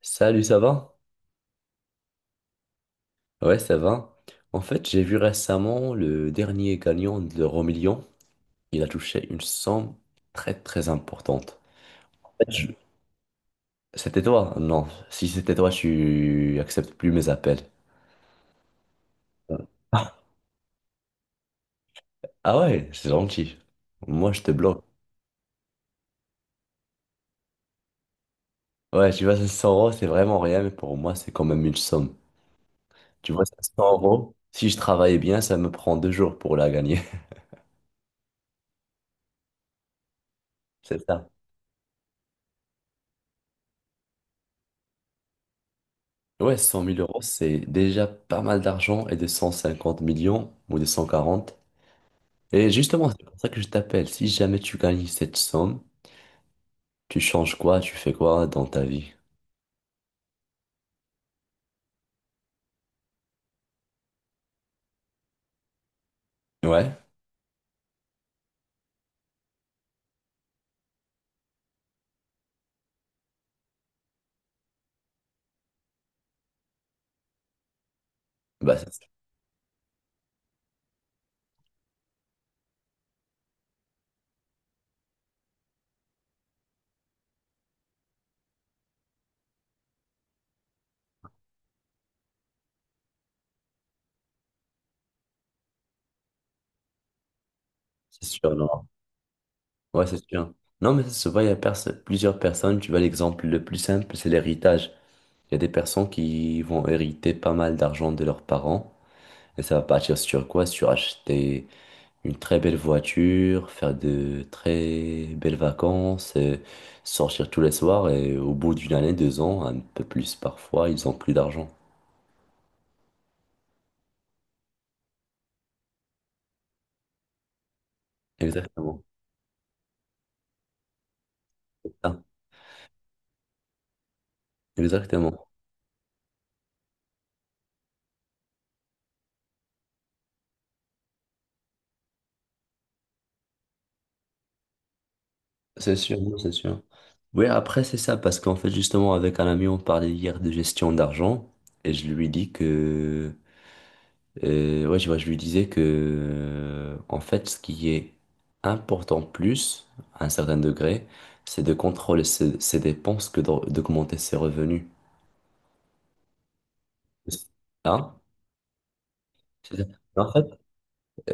Salut, ça va? Ouais, ça va. En fait, j'ai vu récemment le dernier gagnant de l'euro million. Il a touché une somme très très importante. En fait, je- C'était toi? Non. Si c'était toi, tu acceptes plus mes appels. Ah, ah ouais, c'est gentil. Moi, je te bloque. Ouais, tu vois, 500 euros, c'est vraiment rien, mais pour moi, c'est quand même une somme. Tu vois, 500 euros, si je travaille bien, ça me prend 2 jours pour la gagner. C'est ça. Ouais, cent mille euros, c'est déjà pas mal d'argent et de 150 millions ou de 140. Et justement, c'est pour ça que je t'appelle. Si jamais tu gagnes cette somme, tu changes quoi, tu fais quoi dans ta vie? Ouais, bah c'est sûr, non. Ouais, c'est sûr. Non, mais ça se voit, il y a plusieurs personnes. Tu vois, l'exemple le plus simple, c'est l'héritage. Il y a des personnes qui vont hériter pas mal d'argent de leurs parents. Et ça va partir sur quoi? Sur acheter une très belle voiture, faire de très belles vacances, sortir tous les soirs et au bout d'une année, 2 ans, un peu plus parfois, ils ont plus d'argent. Exactement. Ah, exactement. C'est sûr, non, c'est sûr. Oui, après, c'est ça, parce qu'en fait, justement, avec un ami, on parlait hier de gestion d'argent, et je lui dis que je lui disais que, en fait, ce qui est important plus, à un certain degré, c'est de contrôler ses dépenses que d'augmenter ses revenus. Hein? C'est ça. En fait,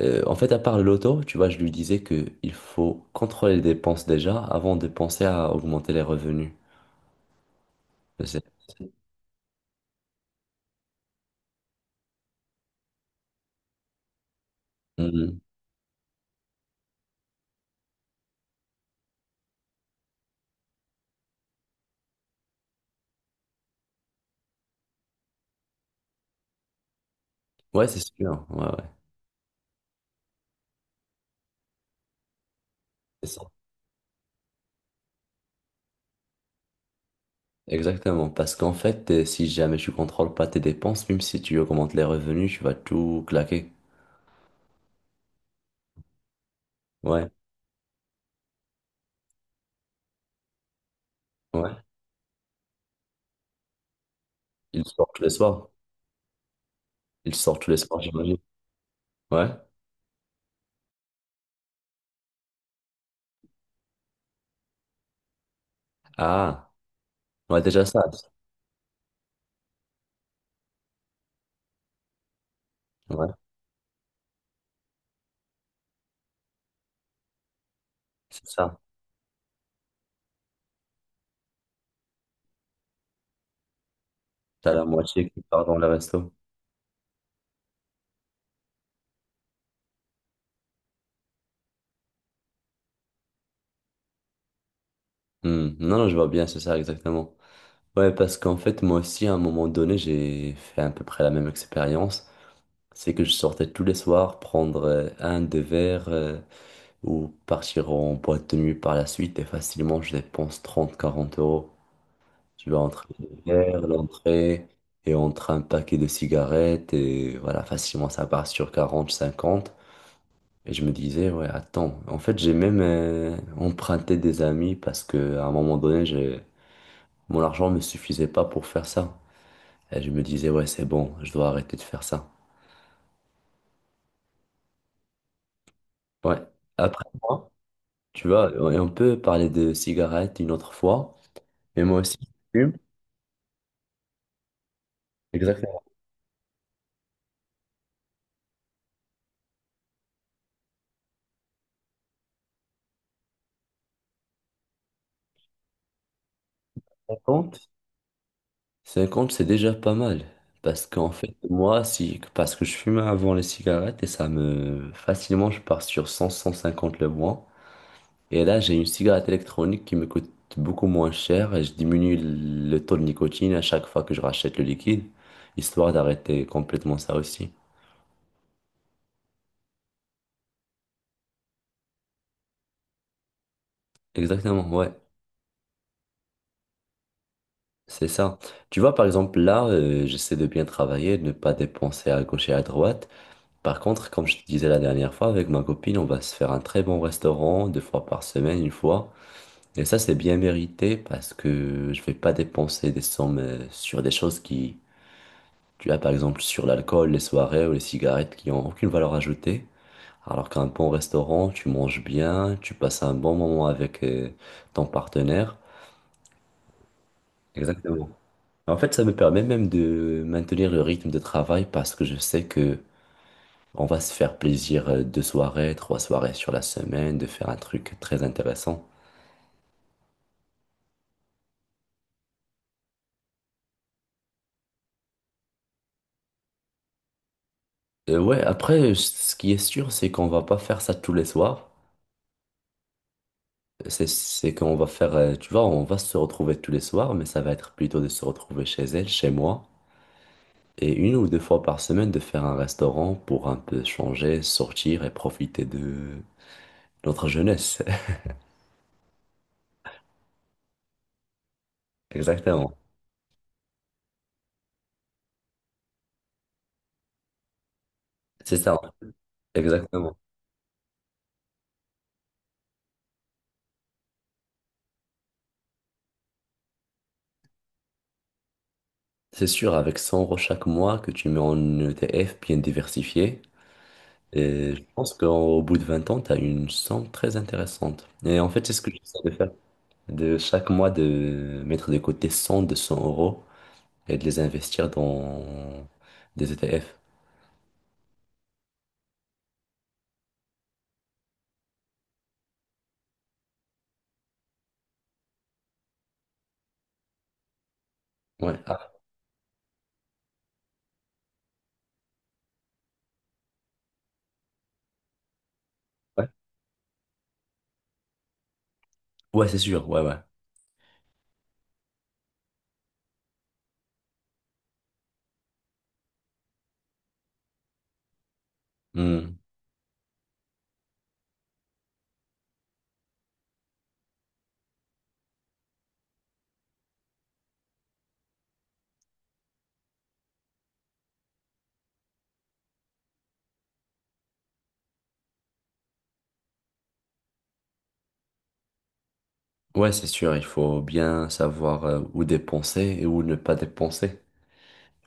en fait, à part le loto, tu vois, je lui disais que il faut contrôler les dépenses déjà avant de penser à augmenter les revenus. C'est- Mhm. Ouais, c'est sûr. Ouais, ouais. C'est ça. Exactement. Parce qu'en fait, si jamais tu contrôles pas tes dépenses, même si tu augmentes les revenus, tu vas tout claquer. Ouais, ouais. Ils sortent le soir. Ils sortent le soir, j'imagine. Ouais. Ah, ouais, déjà ça. Ouais, c'est ça. T'as la moitié qui part dans le resto. Hmm. Non, non, je vois bien, c'est ça, exactement. Ouais, parce qu'en fait, moi aussi, à un moment donné, j'ai fait à peu près la même expérience. C'est que je sortais tous les soirs prendre un, deux verres ou partir en boîte de nuit par la suite et facilement, je dépense 30 40 euros. Tu vas entre les verres, l'entrée et entre un paquet de cigarettes et voilà, facilement ça part sur 40 50. Et je me disais, ouais, attends. En fait, j'ai même emprunté des amis parce que à un moment donné, mon argent ne me suffisait pas pour faire ça. Et je me disais, ouais, c'est bon, je dois arrêter de faire ça. Ouais. Après moi, tu vois, et on peut parler de cigarettes une autre fois, mais moi aussi, je fume. Exactement. 50, c'est déjà pas mal. Parce qu'en fait, moi, si, parce que je fumais avant les cigarettes et ça me, facilement, je pars sur 100, 150 le mois. Et là, j'ai une cigarette électronique qui me coûte beaucoup moins cher et je diminue le taux de nicotine à chaque fois que je rachète le liquide, histoire d'arrêter complètement ça aussi. Exactement, ouais, c'est ça. Tu vois, par exemple, là, j'essaie de bien travailler, de ne pas dépenser à gauche et à droite. Par contre, comme je te disais la dernière fois, avec ma copine, on va se faire un très bon restaurant deux fois par semaine, une fois. Et ça, c'est bien mérité parce que je vais pas dépenser des sommes sur des choses qui, tu as par exemple sur l'alcool, les soirées ou les cigarettes qui ont aucune valeur ajoutée. Alors qu'un bon restaurant, tu manges bien, tu passes un bon moment avec ton partenaire. Exactement. En fait, ça me permet même de maintenir le rythme de travail parce que je sais que on va se faire plaisir deux soirées, trois soirées sur la semaine, de faire un truc très intéressant. Ouais, après, ce qui est sûr, c'est qu'on va pas faire ça tous les soirs. C'est qu'on va faire, tu vois, on va se retrouver tous les soirs, mais ça va être plutôt de se retrouver chez elle, chez moi, et une ou deux fois par semaine de faire un restaurant pour un peu changer, sortir et profiter de notre jeunesse. Exactement. C'est ça, exactement. C'est sûr, avec 100 € chaque mois que tu mets en ETF bien diversifié, et je pense qu'au bout de 20 ans, tu as une somme très intéressante. Et en fait, c'est ce que j'essaie de faire. De chaque mois, de mettre de côté 100, 200 € et de les investir dans des ETF. Ouais, ah, ouais. Ouais, c'est sûr. Ouais, ouais. Hmm. Ouais, c'est sûr. Il faut bien savoir où dépenser et où ne pas dépenser.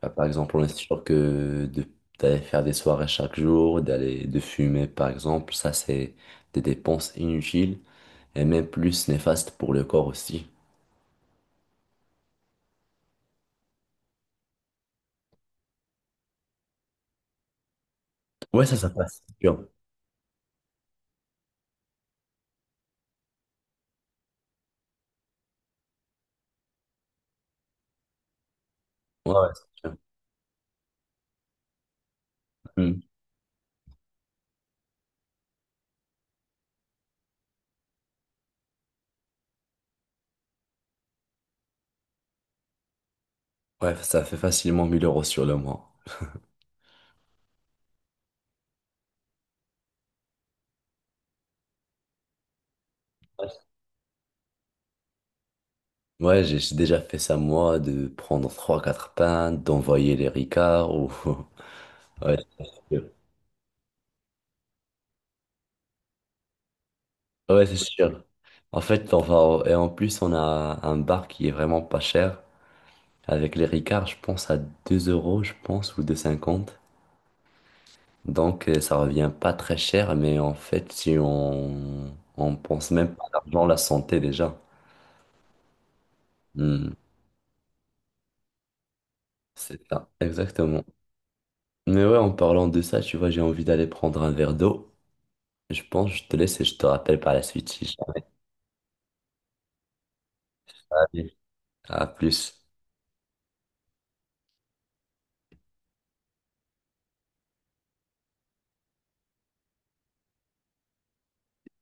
Ah, par exemple, on est sûr que d'aller faire des soirées chaque jour, d'aller de fumer, par exemple, ça, c'est des dépenses inutiles. Et même plus néfaste pour le corps aussi. Ouais, ça passe. C'est sûr. Ouais, ouais, c'est sûr. Hmm. Ouais, ça fait facilement 1 000 € sur le mois. Ouais, j'ai déjà fait ça moi, de prendre trois quatre pains, d'envoyer les ricards. Ouais, c'est sûr. Ouais, c'est sûr. En fait, on va... au- Et en plus, on a un bar qui est vraiment pas cher. Avec les ricards, je pense à 2 euros, je pense, ou deux cinquante. Donc, ça revient pas très cher, mais en fait, si on pense même pas à l'argent, la santé déjà. Hmm, c'est ça, exactement. Mais ouais, en parlant de ça, tu vois, j'ai envie d'aller prendre un verre d'eau. Je pense que je te laisse et je te rappelle par la suite. Si j'ai un À plus.